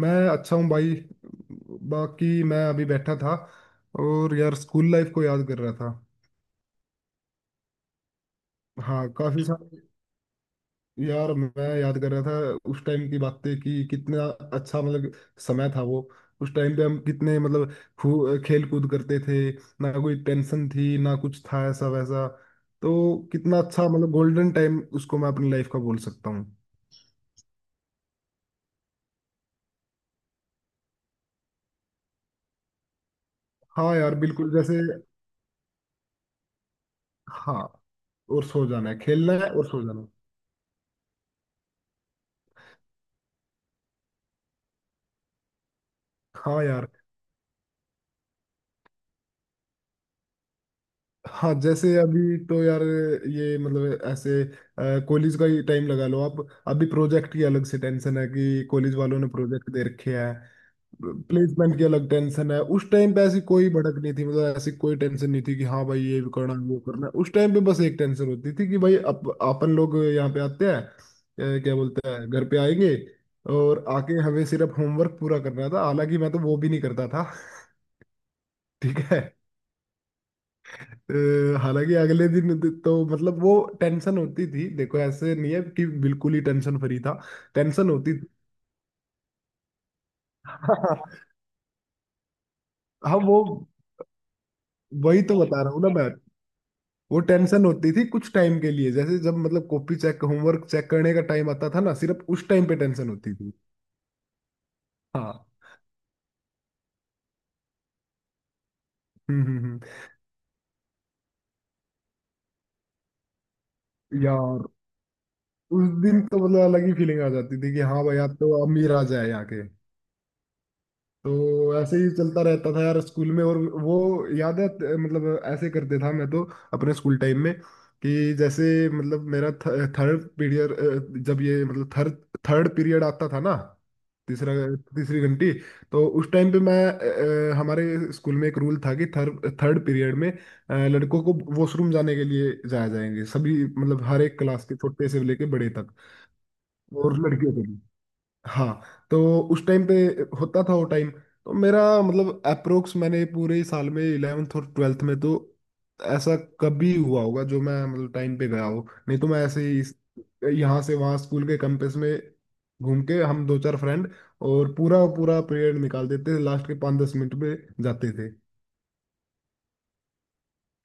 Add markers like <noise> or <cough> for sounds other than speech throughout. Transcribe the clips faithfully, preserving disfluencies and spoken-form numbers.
मैं अच्छा हूँ भाई। बाकी मैं अभी बैठा था और यार स्कूल लाइफ को याद कर रहा था। हाँ, काफी सारे। यार मैं याद कर रहा था उस टाइम की बातें कि कितना अच्छा, मतलब, समय था वो। उस टाइम पे हम कितने, मतलब, खू- खेल कूद करते थे। ना कोई टेंशन थी ना कुछ था ऐसा वैसा। तो कितना अच्छा, मतलब, गोल्डन टाइम उसको मैं अपनी लाइफ का बोल सकता हूँ। हाँ यार, बिल्कुल जैसे। हाँ, और सो जाना है, खेलना है और सो जाना है। हाँ यार। हाँ, जैसे अभी तो यार ये, मतलब, ऐसे कॉलेज का ही टाइम लगा लो आप। अभी प्रोजेक्ट की अलग से टेंशन है कि कॉलेज वालों ने प्रोजेक्ट दे रखे है। प्लेसमेंट की अलग टेंशन है। उस टाइम पे ऐसी कोई भड़क नहीं थी, मतलब ऐसी कोई टेंशन नहीं थी कि हाँ भाई ये भी करना है, वो करना है। उस टाइम पे बस एक टेंशन होती थी कि भाई अप, अपन लोग यहाँ पे आते हैं, अ, क्या बोलते हैं, घर पे आएंगे। और आके हमें सिर्फ होमवर्क पूरा करना था, हालांकि मैं तो वो भी नहीं करता था। <laughs> ठीक है। अ, हालांकि अगले दिन द- तो मतलब वो टेंशन होती थी। देखो ऐसे नहीं है कि बिल्कुल ही टेंशन फ्री था। टेंशन होती थी। <laughs> हाँ वो। वही तो बता रहा हूँ ना मैं। वो टेंशन होती थी कुछ टाइम के लिए, जैसे जब मतलब कॉपी चेक, होमवर्क चेक करने का टाइम आता था ना, सिर्फ उस टाइम पे टेंशन होती थी। हाँ। हम्म हम्म हम्म। यार उस दिन तो मतलब अलग ही फीलिंग आ जाती थी कि हाँ भाई आप तो अमीर आ जाए आके। तो ऐसे ही चलता रहता था यार स्कूल में। और वो याद है, त- मतलब ऐसे करते था मैं तो अपने स्कूल टाइम में, कि जैसे मतलब मेरा थर्ड पीरियड जब, ये मतलब थर्ड थर्ड पीरियड आता था ना, तीसरा, तीसरी घंटी। तो उस टाइम पे मैं अ, अ, हमारे स्कूल में एक रूल था कि थर्ड थर्ड पीरियड में अ, लड़कों को वॉशरूम जाने के लिए जाया जाएंगे, सभी मतलब हर एक क्लास के छोटे से लेके बड़े तक। और लड़कियों को भी। हाँ। तो उस टाइम पे होता था वो टाइम, तो मेरा मतलब अप्रोक्स मैंने पूरे साल में इलेवेंथ और ट्वेल्थ में तो ऐसा कभी हुआ होगा जो मैं मतलब टाइम पे गया हो, नहीं तो मैं ऐसे ही इस- यहाँ से वहाँ स्कूल के कैंपस में घूम के, हम दो चार फ्रेंड, और पूरा पूरा पीरियड निकाल देते थे, लास्ट के पाँच दस मिनट में जाते थे।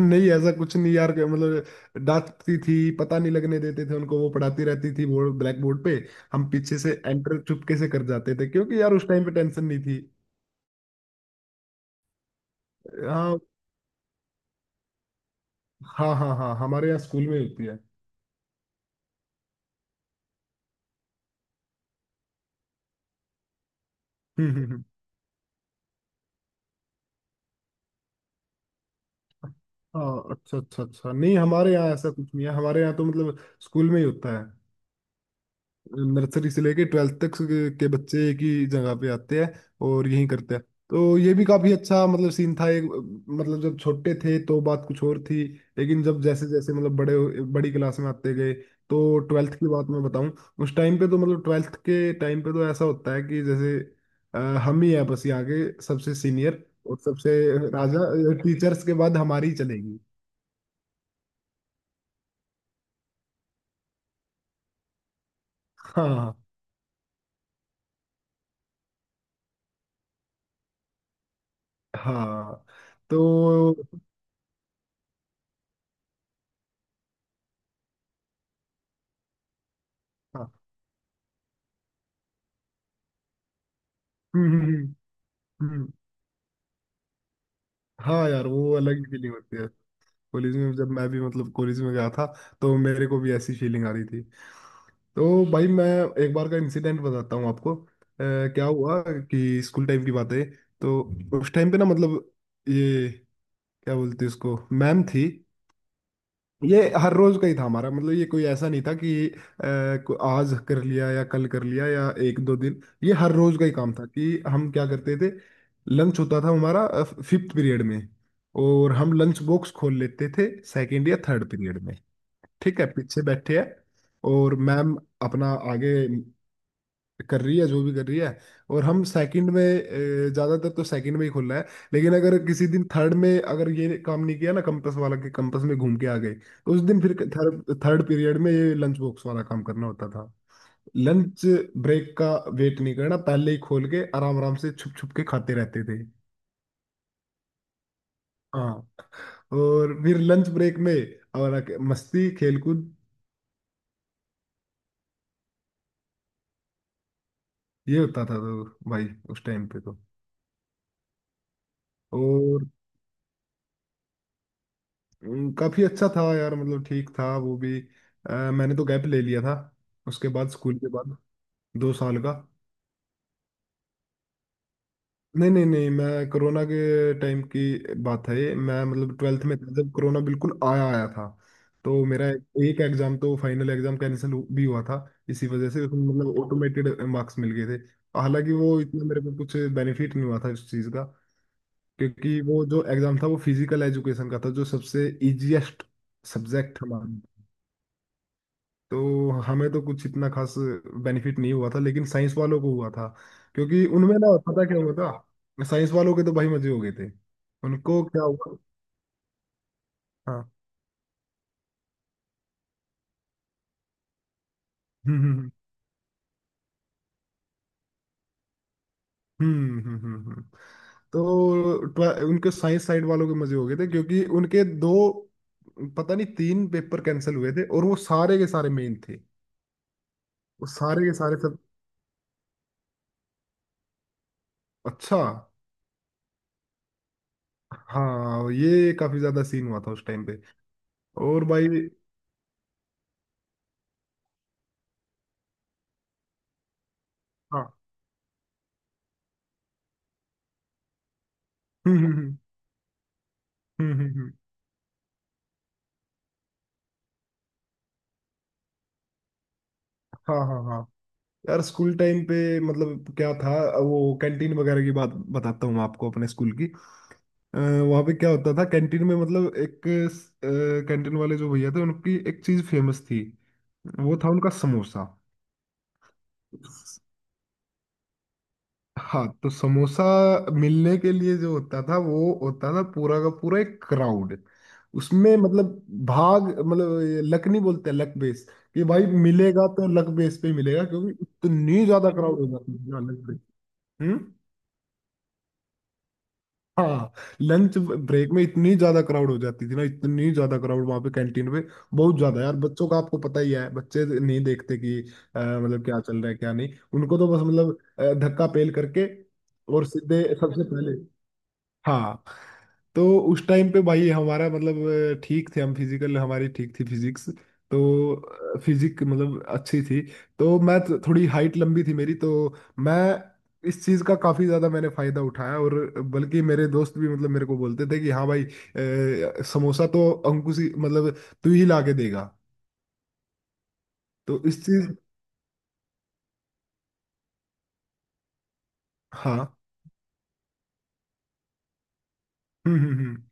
नहीं ऐसा कुछ नहीं यार, मतलब डांटती थी, पता नहीं लगने देते थे उनको, वो पढ़ाती रहती थी बोर्ड, ब्लैक बोर्ड पे, हम पीछे से एंटर चुपके से कर जाते थे क्योंकि यार उस टाइम पे टेंशन नहीं थी। हाँ हाँ हाँ। हाँ हमारे यहाँ स्कूल में होती है। हम्म हम्म हम्म। हाँ, अच्छा अच्छा अच्छा। नहीं हमारे यहाँ ऐसा कुछ नहीं है, हमारे यहाँ तो मतलब स्कूल में ही होता है। नर्सरी से लेके ट्वेल्थ तक के के बच्चे एक ही जगह पे आते हैं और यहीं करते हैं। तो ये भी काफी अच्छा, मतलब, सीन था एक। मतलब जब छोटे थे तो बात कुछ और थी, लेकिन जब जैसे जैसे मतलब बड़े हो- बड़ी क्लास में आते गए, तो ट्वेल्थ की बात मैं बताऊं, उस टाइम पे तो मतलब ट्वेल्थ के टाइम पे तो ऐसा होता है कि जैसे अ, हम ही है बस यहाँ के सबसे सीनियर और सबसे राजा, टीचर्स के बाद हमारी ही चलेगी। हाँ हाँ तो हाँ। हम्म हम्म हम्म, हम्म। हाँ यार, वो अलग ही फीलिंग होती है। कॉलेज में जब मैं भी मतलब कॉलेज में गया था, तो मेरे को भी ऐसी फीलिंग आ रही थी। तो भाई मैं एक बार का इंसिडेंट बताता हूँ आपको। अ, क्या हुआ कि स्कूल टाइम की बात है। तो उस टाइम पे ना मतलब ये, क्या बोलते हैं उसको, मैम थी। ये हर रोज का ही था हमारा, मतलब ये कोई ऐसा नहीं था कि अ, को- आज कर लिया या कल कर लिया या एक दो दिन। ये हर रोज का ही काम था कि हम क्या करते थे। लंच होता था हमारा फिफ्थ पीरियड में, और हम लंच बॉक्स खोल लेते थे सेकंड या थर्ड पीरियड में। ठीक है पीछे बैठे हैं, और मैम अपना आगे कर रही है जो भी कर रही है, और हम सेकंड में अ, ज्यादातर तो सेकंड में ही खुल रहा है। लेकिन अगर किसी दिन थर्ड में अगर ये काम नहीं किया ना, कंपस वाला के कंपस में घूम के आ गए, तो उस दिन फिर थर्ड थर्ड पीरियड में ये लंच बॉक्स वाला काम करना होता था। लंच ब्रेक का वेट नहीं करना, पहले ही खोल के आराम आराम से छुप छुप के खाते रहते थे। हाँ। और फिर लंच ब्रेक में और आके मस्ती खेलकूद, ये होता था। तो भाई उस टाइम पे तो। और हम्म, काफी अच्छा था यार, मतलब ठीक था वो भी। अ, मैंने तो गैप ले लिया था उसके बाद, स्कूल के बाद, दो साल का। नहीं नहीं नहीं, मैं कोरोना के टाइम की बात है ये, मैं मतलब ट्वेल्थ में था जब कोरोना बिल्कुल आया आया था। तो मेरा एक एग्जाम, तो फाइनल एग्जाम कैंसिल भी हुआ था, इसी वजह से उसमें मतलब ऑटोमेटेड मार्क्स मिल गए थे। हालांकि वो इतना मेरे को कुछ बेनिफिट नहीं हुआ था इस चीज़ का, क्योंकि वो जो एग्जाम था वो फिजिकल एजुकेशन का था, जो सबसे इजीएस्ट सब्जेक्ट हमारा। तो हमें तो कुछ इतना खास बेनिफिट नहीं हुआ था, लेकिन साइंस वालों को हुआ था, क्योंकि उनमें ना पता क्या हुआ था, साइंस वालों के तो भाई मजे हो गए थे। उनको क्या हुआ? हाँ। हम्म हम्म हम्म हम्म हम्म, हम्म। हम्म। तो ट्वे- उनके साइंस साइड वालों के मजे हो गए थे क्योंकि उनके दो, पता नहीं तीन पेपर कैंसिल हुए थे, और वो सारे के सारे मेन थे। वो सारे के सारे सब। अच्छा। हाँ, ये काफी ज्यादा सीन हुआ था उस टाइम पे। और भाई। हाँ। हम्म हम्म हम्म हम्म हम्म, हम्म। हाँ हाँ हाँ। यार स्कूल टाइम पे मतलब क्या था, वो कैंटीन वगैरह की बात बताता हूँ आपको अपने स्कूल की। आ, वहाँ पे क्या होता था कैंटीन में, मतलब एक कैंटीन वाले जो भैया थे उनकी एक चीज फेमस थी, वो था उनका समोसा। हाँ, तो समोसा मिलने के लिए जो होता था, वो होता था पूरा का पूरा एक क्राउड। उसमें मतलब भाग, मतलब ये लक नहीं बोलते, लक बेस, कि भाई मिलेगा तो लक बेस पे मिलेगा क्योंकि इतनी ज्यादा क्राउड हो जाती है, हाँ, लक बेस। हम्म। हाँ, लंच ब्रेक में इतनी ज्यादा क्राउड हो जाती थी ना, इतनी ज्यादा क्राउड वहां पे कैंटीन पे, बहुत ज्यादा यार, बच्चों का आपको पता ही है, बच्चे नहीं देखते कि अ, मतलब क्या चल रहा है क्या नहीं, उनको तो बस मतलब अ, धक्का पेल करके, और सीधे सबसे पहले। हाँ। तो उस टाइम पे भाई हमारा मतलब अ, ठीक थे हम, फिजिकल हमारी ठीक थी, फिजिक्स, तो फिजिक मतलब अच्छी थी, तो मैं तो- थोड़ी हाइट लंबी थी मेरी, तो मैं इस चीज़ का काफ़ी ज़्यादा मैंने फ़ायदा उठाया। और बल्कि मेरे दोस्त भी मतलब मेरे को बोलते थे कि हाँ भाई, अ, समोसा तो अंकुश ही मतलब तू ही ला के देगा। तो इस चीज़। हाँ। हम्म हम्म हम्म।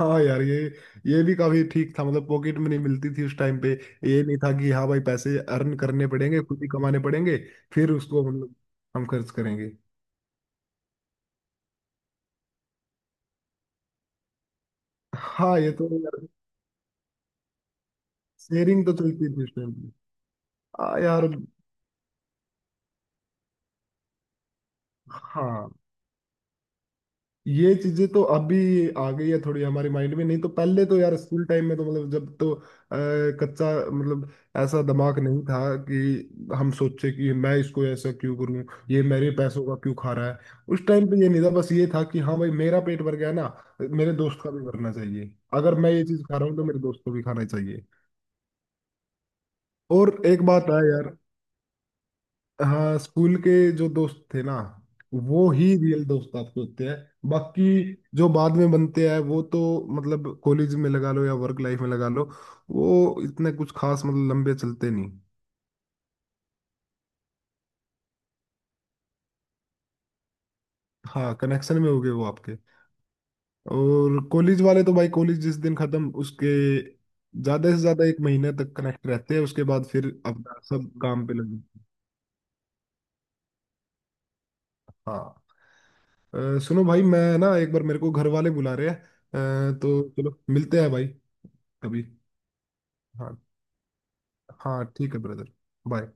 हाँ यार ये ये भी काफी ठीक था, मतलब पॉकेट मनी मिलती थी उस टाइम पे। ये नहीं था कि हाँ भाई पैसे अर्न करने पड़ेंगे, खुद ही कमाने पड़ेंगे, फिर उसको मतलब हम खर्च करेंगे। हाँ, ये तो यार शेयरिंग तो चलती थी उस टाइम पे। हाँ यार। हाँ, ये चीजें तो अभी आ गई है थोड़ी हमारे माइंड में, नहीं तो पहले तो यार स्कूल टाइम में तो मतलब जब तो अ, कच्चा, मतलब ऐसा दिमाग नहीं था कि हम सोचे कि मैं इसको ऐसा क्यों करूं, ये मेरे पैसों का क्यों खा रहा है। उस टाइम पे ये नहीं था, बस ये था कि हाँ भाई मेरा पेट भर गया ना, मेरे दोस्त का भी भरना चाहिए, अगर मैं ये चीज खा रहा हूँ तो मेरे दोस्त को भी खाना चाहिए। और एक बात है यार। हाँ, स्कूल के जो दोस्त थे ना, वो ही रियल दोस्त आपके होते हैं। बाकी जो बाद में बनते हैं वो तो मतलब कॉलेज में लगा लो या वर्क लाइफ में लगा लो, वो इतने कुछ खास मतलब लंबे चलते नहीं। हाँ, कनेक्शन में हो गए वो आपके। और कॉलेज वाले तो भाई, कॉलेज जिस दिन खत्म उसके ज्यादा से ज्यादा एक महीने तक कनेक्ट रहते हैं, उसके बाद फिर अपना सब काम पे लग जाते हैं। हाँ। अ, सुनो भाई, मैं ना एक बार, मेरे को घर वाले बुला रहे हैं, अ, तो चलो मिलते हैं भाई, कभी। हाँ हाँ, ठीक है ब्रदर। बाय।